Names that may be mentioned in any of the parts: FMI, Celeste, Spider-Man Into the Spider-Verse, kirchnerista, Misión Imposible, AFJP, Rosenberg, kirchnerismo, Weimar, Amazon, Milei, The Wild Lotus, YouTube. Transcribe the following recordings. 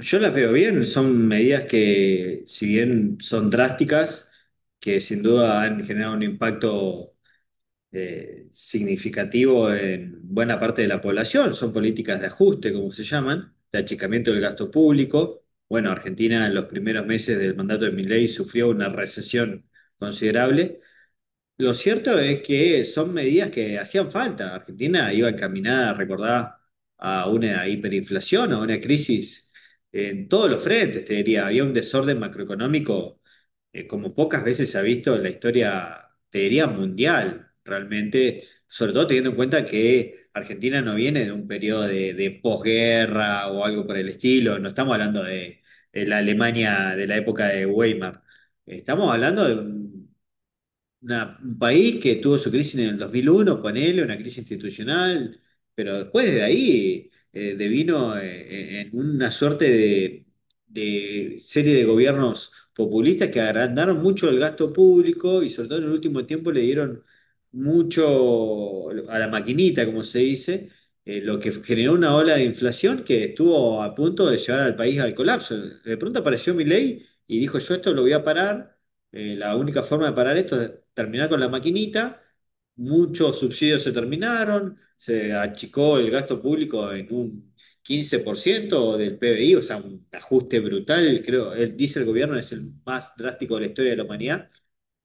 Yo las veo bien, son medidas que, si bien son drásticas, que sin duda han generado un impacto significativo en buena parte de la población. Son políticas de ajuste, como se llaman, de achicamiento del gasto público. Bueno, Argentina en los primeros meses del mandato de Milei sufrió una recesión considerable. Lo cierto es que son medidas que hacían falta. Argentina iba encaminada, recordá, a una hiperinflación, a una crisis en todos los frentes, te diría. Había un desorden macroeconómico, como pocas veces se ha visto en la historia, te diría, mundial, realmente, sobre todo teniendo en cuenta que Argentina no viene de un periodo de posguerra o algo por el estilo. No estamos hablando de la Alemania de la época de Weimar. Estamos hablando de un un país que tuvo su crisis en el 2001, ponele, una crisis institucional, pero después de ahí devino en una suerte de serie de gobiernos populistas que agrandaron mucho el gasto público y sobre todo en el último tiempo le dieron mucho a la maquinita, como se dice, lo que generó una ola de inflación que estuvo a punto de llevar al país al colapso. De pronto apareció Milei y dijo, yo esto lo voy a parar. La única forma de parar esto es terminar con la maquinita. Muchos subsidios se terminaron, se achicó el gasto público en un 15% del PBI, o sea, un ajuste brutal. Creo, él dice el gobierno es el más drástico de la historia de la humanidad.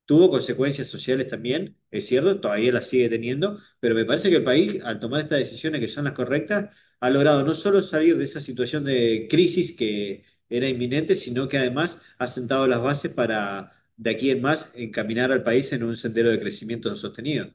Tuvo consecuencias sociales también, es cierto, todavía las sigue teniendo, pero me parece que el país, al tomar estas decisiones que son las correctas, ha logrado no solo salir de esa situación de crisis que era inminente, sino que además ha sentado las bases para de aquí en más encaminar al país en un sendero de crecimiento sostenido.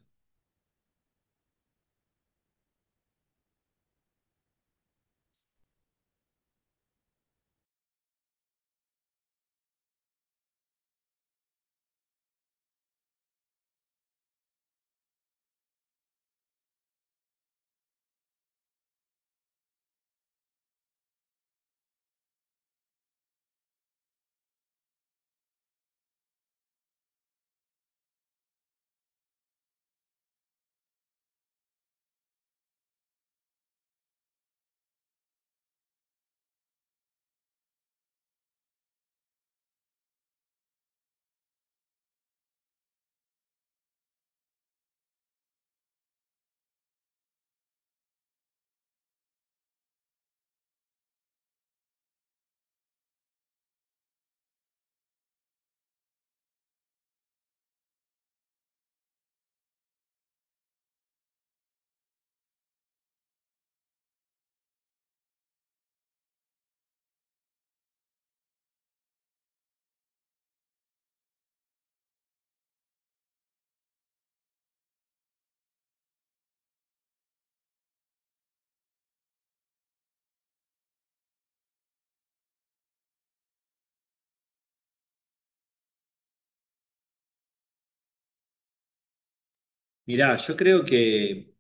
Mirá, yo creo que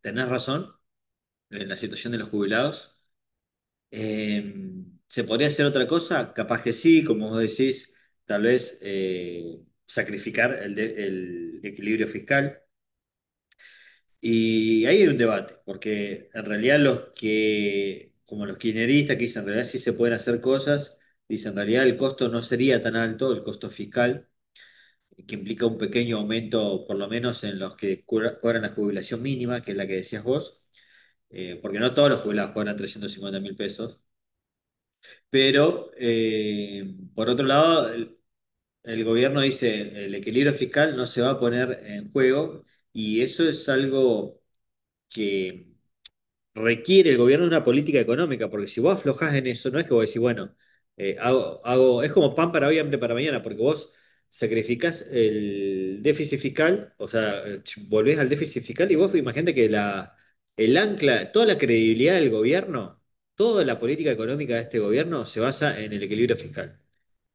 tenés razón en la situación de los jubilados. Eh, ¿Se podría hacer otra cosa? Capaz que sí, como vos decís, tal vez sacrificar el, el equilibrio fiscal. Y ahí hay un debate, porque en realidad los que, como los kirchneristas, que dicen en realidad sí se pueden hacer cosas, dicen en realidad el costo no sería tan alto, el costo fiscal, que implica un pequeño aumento, por lo menos en los que cobran la jubilación mínima, que es la que decías vos, porque no todos los jubilados cobran $350.000. Pero, por otro lado, el gobierno dice, el equilibrio fiscal no se va a poner en juego y eso es algo que requiere el gobierno una política económica, porque si vos aflojás en eso, no es que vos decís, bueno, hago, es como pan para hoy, hambre para mañana, porque vos sacrificás el déficit fiscal, o sea, volvés al déficit fiscal y vos imagínate que la, el ancla, toda la credibilidad del gobierno, toda la política económica de este gobierno se basa en el equilibrio fiscal,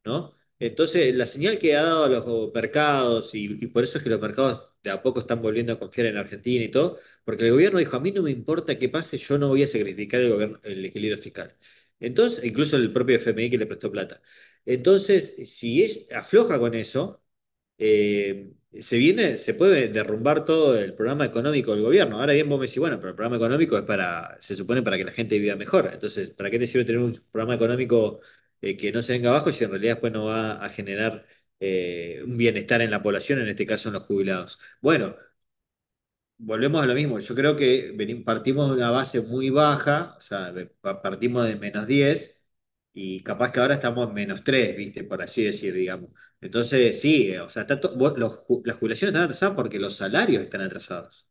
¿no? Entonces, la señal que ha dado a los mercados, y por eso es que los mercados de a poco están volviendo a confiar en Argentina y todo, porque el gobierno dijo, a mí no me importa qué pase, yo no voy a sacrificar el, el equilibrio fiscal. Entonces, incluso el propio FMI que le prestó plata. Entonces, si afloja con eso, se viene, se puede derrumbar todo el programa económico del gobierno. Ahora bien, vos me decís, bueno, pero el programa económico es para, se supone para que la gente viva mejor. Entonces, ¿para qué te sirve tener un programa económico que no se venga abajo si en realidad después no va a generar un bienestar en la población, en este caso en los jubilados? Bueno, volvemos a lo mismo, yo creo que partimos de una base muy baja, o sea, partimos de menos 10 y capaz que ahora estamos en menos 3, ¿viste? Por así decir, digamos. Entonces, sí, o sea, está las jubilaciones están atrasadas porque los salarios están atrasados.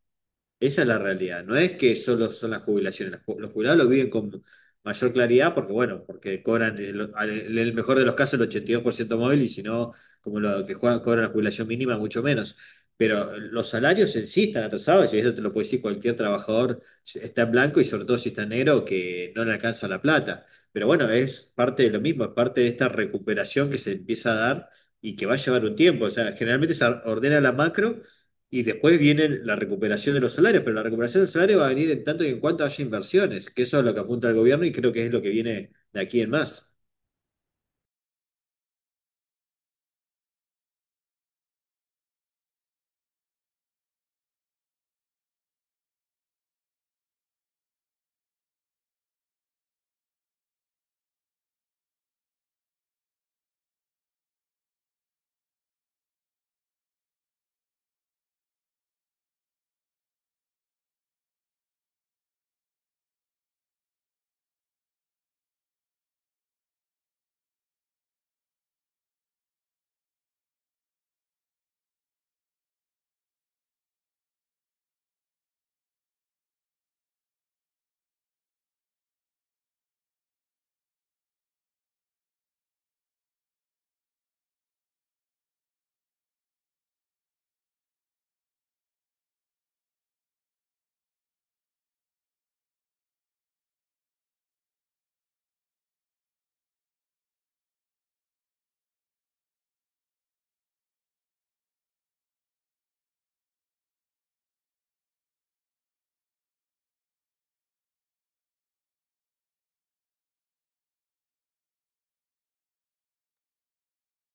Esa es la realidad. No es que solo son las jubilaciones. Los jubilados lo viven con mayor claridad porque, bueno, porque cobran, en el mejor de los casos, el 82% móvil y si no, como lo que juegan, cobran la jubilación mínima, mucho menos. Pero los salarios en sí están atrasados y eso te lo puede decir cualquier trabajador, si está en blanco y sobre todo si está en negro, que no le alcanza la plata. Pero bueno, es parte de lo mismo, es parte de esta recuperación que se empieza a dar y que va a llevar un tiempo. O sea, generalmente se ordena la macro y después viene la recuperación de los salarios, pero la recuperación del salario va a venir en tanto y en cuanto haya inversiones, que eso es lo que apunta el gobierno y creo que es lo que viene de aquí en más.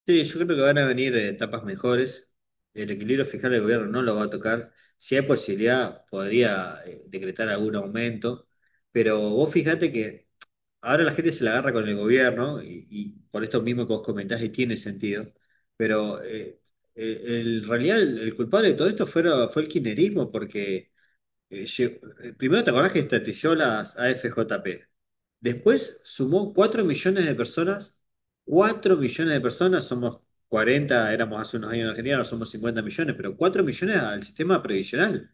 Sí, yo creo que van a venir etapas mejores. El equilibrio fiscal del gobierno no lo va a tocar. Si hay posibilidad, podría decretar algún aumento, pero vos fíjate que ahora la gente se la agarra con el gobierno y por esto mismo que vos comentás y tiene sentido, pero en realidad el culpable de todo esto fue, fue el kirchnerismo, porque primero te acordás que estatizó las AFJP. Después sumó 4 millones de personas. 4 millones de personas, somos 40 éramos hace unos años en Argentina, ahora somos 50 millones, pero 4 millones al sistema previsional.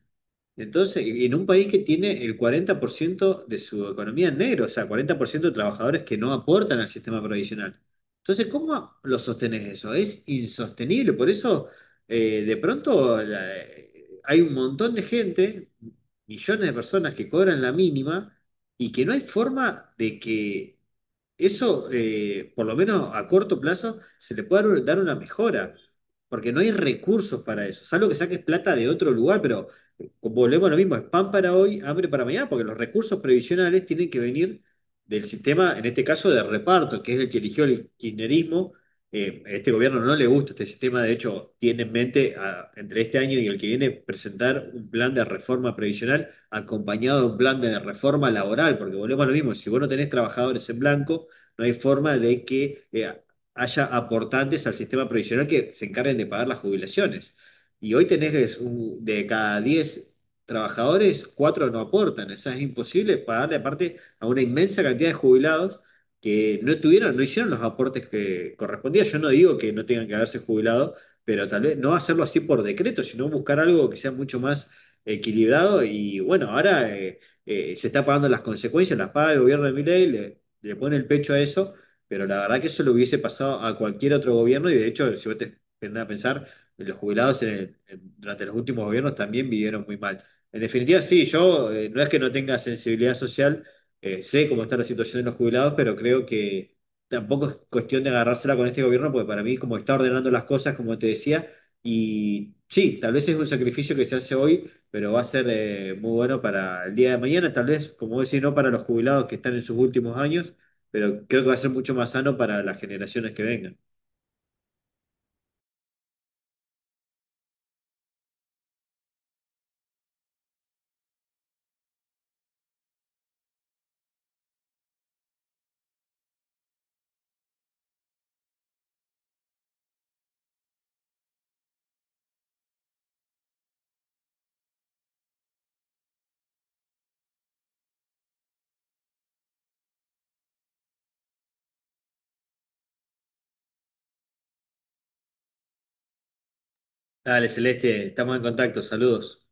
Entonces, y en un país que tiene el 40% de su economía en negro, o sea, 40% de trabajadores que no aportan al sistema provisional. Entonces, ¿cómo lo sostenés eso? Es insostenible. Por eso, de pronto, hay un montón de gente, millones de personas que cobran la mínima y que no hay forma de que eso, por lo menos a corto plazo, se le puede dar dar una mejora, porque no hay recursos para eso, salvo que saques plata de otro lugar, pero volvemos a lo mismo, es pan para hoy, hambre para mañana, porque los recursos previsionales tienen que venir del sistema, en este caso, de reparto, que es el que eligió el kirchnerismo. A este gobierno no le gusta este sistema, de hecho, tiene en mente entre este año y el que viene presentar un plan de reforma previsional acompañado de un plan de reforma laboral, porque volvemos a lo mismo, si vos no tenés trabajadores en blanco, no hay forma de que haya aportantes al sistema previsional que se encarguen de pagar las jubilaciones. Y hoy tenés de cada 10 trabajadores, 4 no aportan. O sea, es imposible pagarle aparte a una inmensa cantidad de jubilados que no tuvieron, no hicieron los aportes que correspondían. Yo no digo que no tengan que haberse jubilado, pero tal vez no hacerlo así por decreto, sino buscar algo que sea mucho más equilibrado. Y bueno, ahora se está pagando las consecuencias, las paga el gobierno de Milei, le pone el pecho a eso, pero la verdad que eso le hubiese pasado a cualquier otro gobierno y de hecho, si vos te pones a pensar, los jubilados durante los últimos gobiernos también vivieron muy mal. En definitiva, sí, yo no es que no tenga sensibilidad social, sé cómo está la situación de los jubilados, pero creo que tampoco es cuestión de agarrársela con este gobierno, porque para mí, como está ordenando las cosas, como te decía, y sí, tal vez es un sacrificio que se hace hoy pero va a ser muy bueno para el día de mañana, tal vez, como vos decís, no para los jubilados que están en sus últimos años, pero creo que va a ser mucho más sano para las generaciones que vengan. Dale, Celeste, estamos en contacto, saludos.